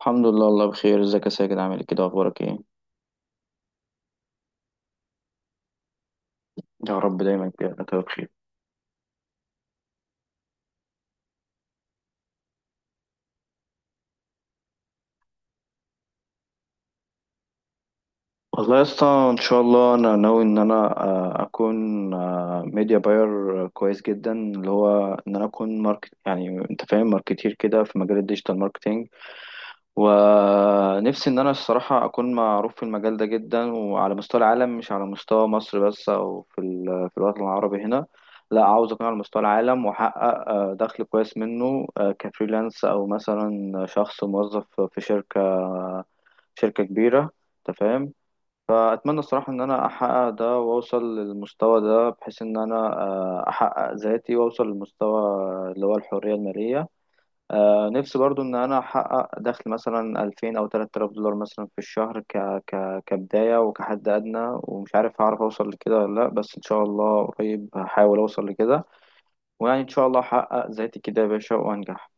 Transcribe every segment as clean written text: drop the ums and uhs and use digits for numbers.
الحمد لله. الله بخير. ازيك يا ساجد؟ عامل ايه كده؟ اخبارك ايه؟ يا رب دايما كده كده بخير. والله يا اسطى، ان شاء الله انا ناوي ان انا اكون ميديا باير كويس جدا، اللي هو ان انا اكون ماركت، يعني انت فاهم، ماركتير كده في مجال الديجيتال ماركتينج. ونفسي ان انا الصراحه اكون معروف في المجال ده جدا، وعلى مستوى العالم، مش على مستوى مصر بس او في في الوطن العربي هنا. لا، عاوز اكون على مستوى العالم، واحقق دخل كويس منه، كفريلانس او مثلا شخص موظف في شركه، شركه كبيره. انت فاهم؟ فاتمنى الصراحه ان انا احقق ده واوصل للمستوى ده، بحيث ان انا احقق ذاتي واوصل للمستوى اللي هو الحريه الماليه. نفسي برضو ان انا احقق دخل مثلا 2000 او 3000 دولار مثلا في الشهر كبداية وكحد ادنى. ومش عارف هعرف اوصل لكده ولا لا، بس ان شاء الله قريب هحاول اوصل لكده، ويعني ان شاء الله احقق ذاتي كده يا باشا وانجح.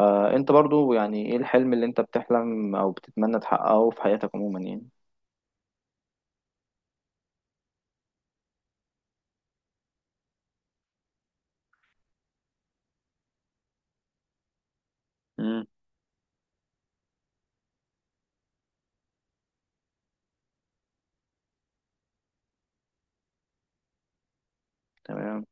انت برضو، يعني ايه الحلم اللي انت بتحلم او بتتمنى تحققه في حياتك عموما يعني؟ امم تمام.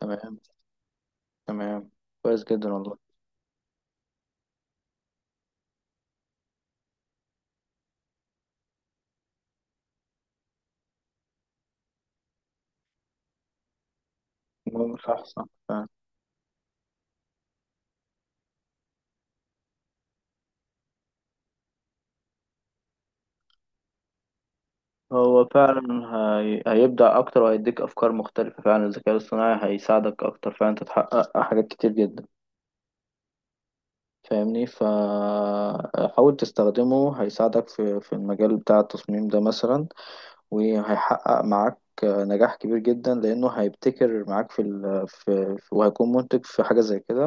تمام. تمام، كويس جدا والله. المهم، صح، صح. هو فعلا هيبدع اكتر، وهيديك افكار مختلفة فعلا. الذكاء الاصطناعي هيساعدك اكتر فعلا، تتحقق حاجات كتير جدا، فاهمني؟ فحاول تستخدمه، هيساعدك في المجال بتاع التصميم ده مثلا، وهيحقق معاك نجاح كبير جدا، لأنه هيبتكر معاك في وهيكون منتج في حاجة زي كده.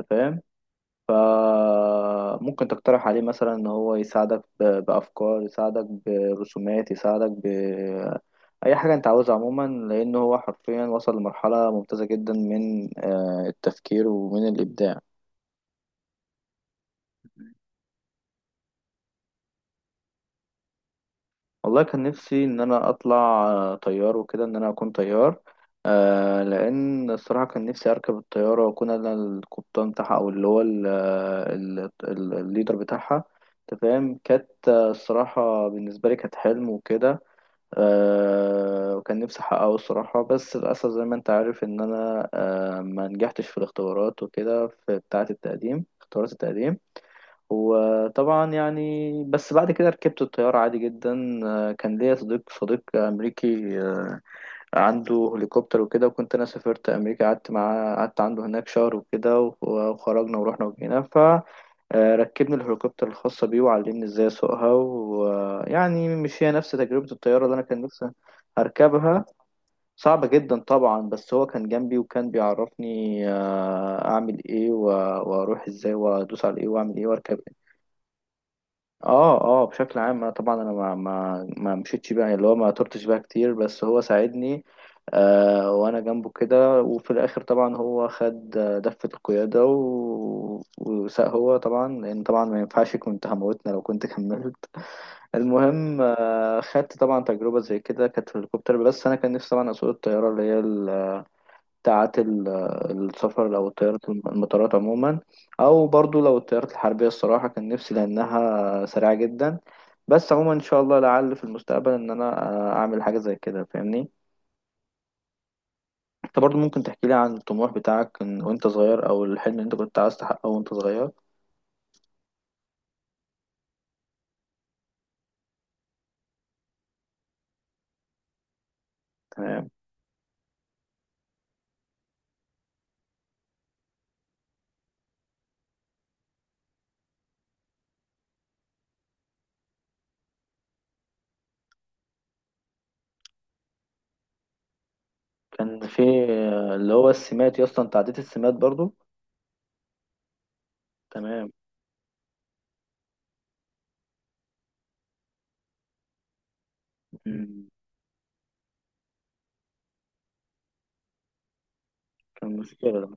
أنت فاهم؟ فممكن تقترح عليه مثلا ان هو يساعدك بافكار، يساعدك برسومات، يساعدك ب اي حاجه انت عاوزها عموما، لان هو حرفيا وصل لمرحله ممتازه جدا من التفكير ومن الابداع. والله كان نفسي ان انا اطلع طيار وكده، ان انا اكون طيار. لان الصراحه كان نفسي اركب الطياره واكون انا القبطان بتاعها، او اللي هو الليدر بتاعها. انت فاهم؟ كانت الصراحه بالنسبه لي كانت حلم وكده. أه، وكان نفسي أحققه الصراحة، بس للأسف زي ما أنت عارف إن أنا أه ما نجحتش في الاختبارات وكده، في بتاعة التقديم، اختبارات التقديم. وطبعا يعني بس بعد كده ركبت الطيارة عادي جدا. أه كان ليا صديق، صديق أمريكي، أه عنده هليكوبتر وكده، وكنت أنا سافرت أمريكا، قعدت معاه، قعدت عنده هناك 1 شهر وكده، وخرجنا ورحنا وجينا. ركبني الهليكوبتر الخاصة بيه، وعلمني ازاي اسوقها. ويعني مش هي نفس تجربة الطيارة اللي انا كان نفسي اركبها. صعبة جدا طبعا، بس هو كان جنبي وكان بيعرفني اعمل ايه، واروح ازاي وادوس على ايه واعمل ايه واركب. اه، اه، بشكل عام أنا طبعا انا ما مشيتش بقى، اللي هو ما طرتش بقى كتير، بس هو ساعدني آه وانا جنبه كده. وفي الاخر طبعا هو خد دفة القيادة وساق هو طبعا، لان طبعا ما ينفعش، كنت هموتنا لو كنت كملت. المهم آه خدت طبعا تجربة زي كده كانت في الهليكوبتر، بس انا كان نفسي طبعا اسوق الطيارة اللي هي بتاعت السفر، أو الطيارات، المطارات عموما. أو برضو لو الطيارات الحربية، الصراحة كان نفسي، لأنها سريعة جدا. بس عموما إن شاء الله لعل في المستقبل إن أنا أعمل حاجة زي كده، فاهمني؟ أنت برضو ممكن تحكي لي عن الطموح بتاعك وأنت صغير، أو الحلم اللي أنت كنت عايز تحققه وأنت صغير. تمام. كان في اللي هو السمات يا اسطى، أنت عديت السمات برضو؟ تمام. مم. كان مشكلة ده.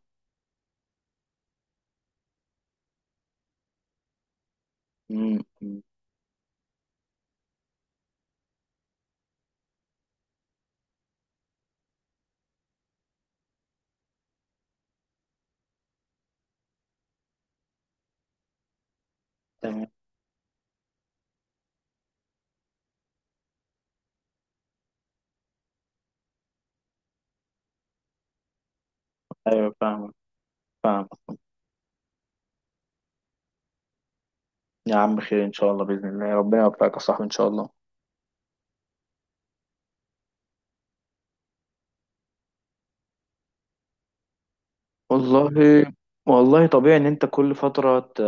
مم. مم. تمام. أيوة، فاهمك. فاهم. يا عم خير إن شاء الله، بإذن الله ربنا يوفقك يا صاحبي إن شاء الله. والله، والله طبيعي ان انت كل فترة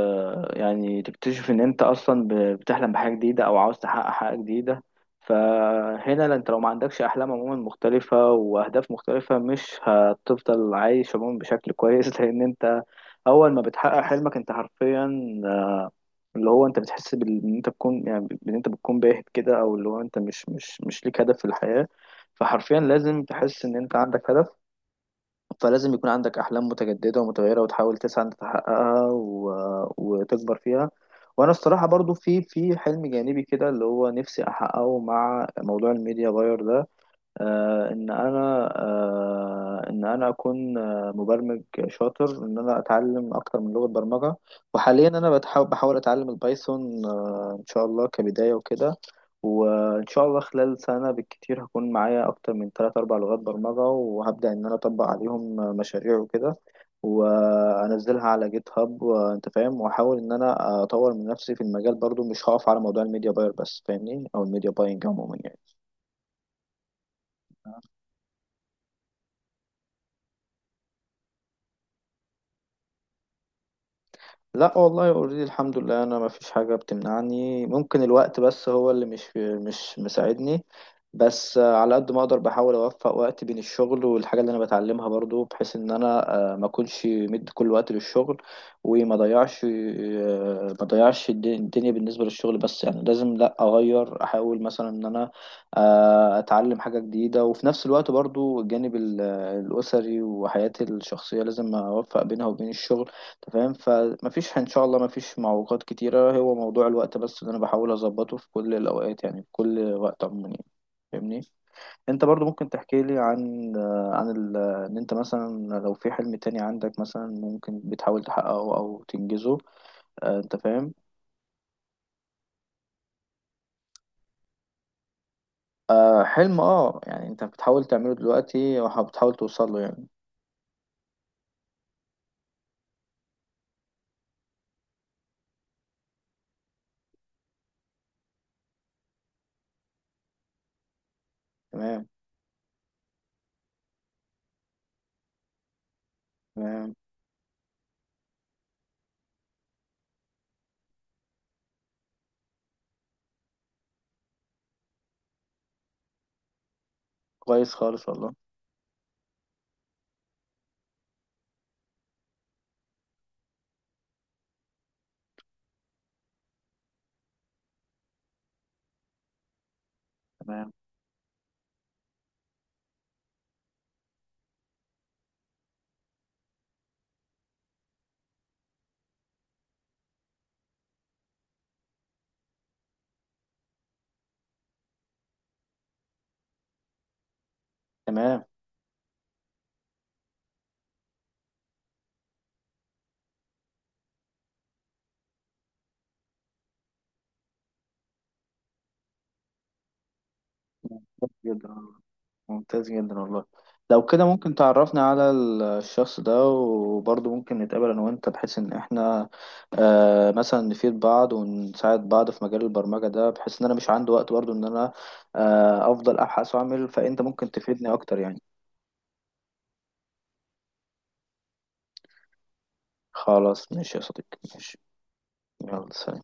يعني تكتشف ان انت اصلا بتحلم بحاجة جديدة او عاوز تحقق حاجة جديدة. فهنا لا، انت لو ما عندكش احلام عموما مختلفة واهداف مختلفة، مش هتفضل عايش عموما بشكل كويس لان انت اول ما بتحقق حلمك انت حرفيا، اللي هو انت بتحس ان انت بتكون، يعني ان انت بتكون باهت كده، او اللي هو انت مش ليك هدف في الحياة. فحرفيا لازم تحس ان انت عندك هدف، فلازم يكون عندك أحلام متجددة ومتغيرة، وتحاول تسعى إن تحققها وتكبر فيها. وأنا الصراحة برضو في حلم جانبي كده اللي هو نفسي أحققه مع موضوع الميديا باير ده. ان انا ان انا اكون مبرمج شاطر، ان انا اتعلم اكتر من لغة برمجة. وحاليا انا بحاول اتعلم البايثون، ان شاء الله كبداية وكده. وان شاء الله خلال سنة بالكتير هكون معايا اكتر من 3 4 لغات برمجة، وهبدأ ان انا اطبق عليهم مشاريع وكده، وانزلها على جيت هاب. وانت فاهم، واحاول ان انا اطور من نفسي في المجال برضو، مش هقف على موضوع الميديا باير بس، فاهمني؟ او الميديا باينج عموما يعني. لا والله اوريدي، الحمد لله انا ما فيش حاجه بتمنعني. ممكن الوقت بس هو اللي مش مساعدني. بس على قد ما اقدر بحاول اوفق وقت بين الشغل والحاجه اللي انا بتعلمها برضو، بحيث ان انا ما اكونش مدي كل وقت للشغل، وما ضيعش ما ضيعش الدنيا بالنسبه للشغل بس. يعني لازم لا اغير، احاول مثلا ان انا اتعلم حاجه جديده، وفي نفس الوقت برضو الجانب الاسري وحياتي الشخصيه لازم اوفق بينها وبين الشغل. انت فاهم؟ فمفيش ان شاء الله، مفيش معوقات كتيرة، هو موضوع الوقت بس اللي انا بحاول اظبطه في كل الاوقات يعني، في كل وقت عموما يعني. فاهمني؟ انت برضو ممكن تحكي لي عن عن ان انت مثلا لو في حلم تاني عندك مثلا، ممكن بتحاول تحققه او تنجزه؟ انت فاهم. حلم، اه يعني انت بتحاول تعمله دلوقتي وبتحاول توصل له يعني. تمام. تمام، كويس خالص والله. تمام. تمام، كويس جدا، ممتاز جدا والله. لو كده ممكن تعرفنا على الشخص ده، وبرضه ممكن نتقابل انا وانت، بحيث ان احنا آه مثلا نفيد بعض ونساعد بعض في مجال البرمجة ده، بحيث ان انا مش عندي وقت برضه ان انا آه افضل ابحث واعمل، فانت ممكن تفيدني اكتر يعني. خلاص ماشي يا صديقي، ماشي. يلا سلام.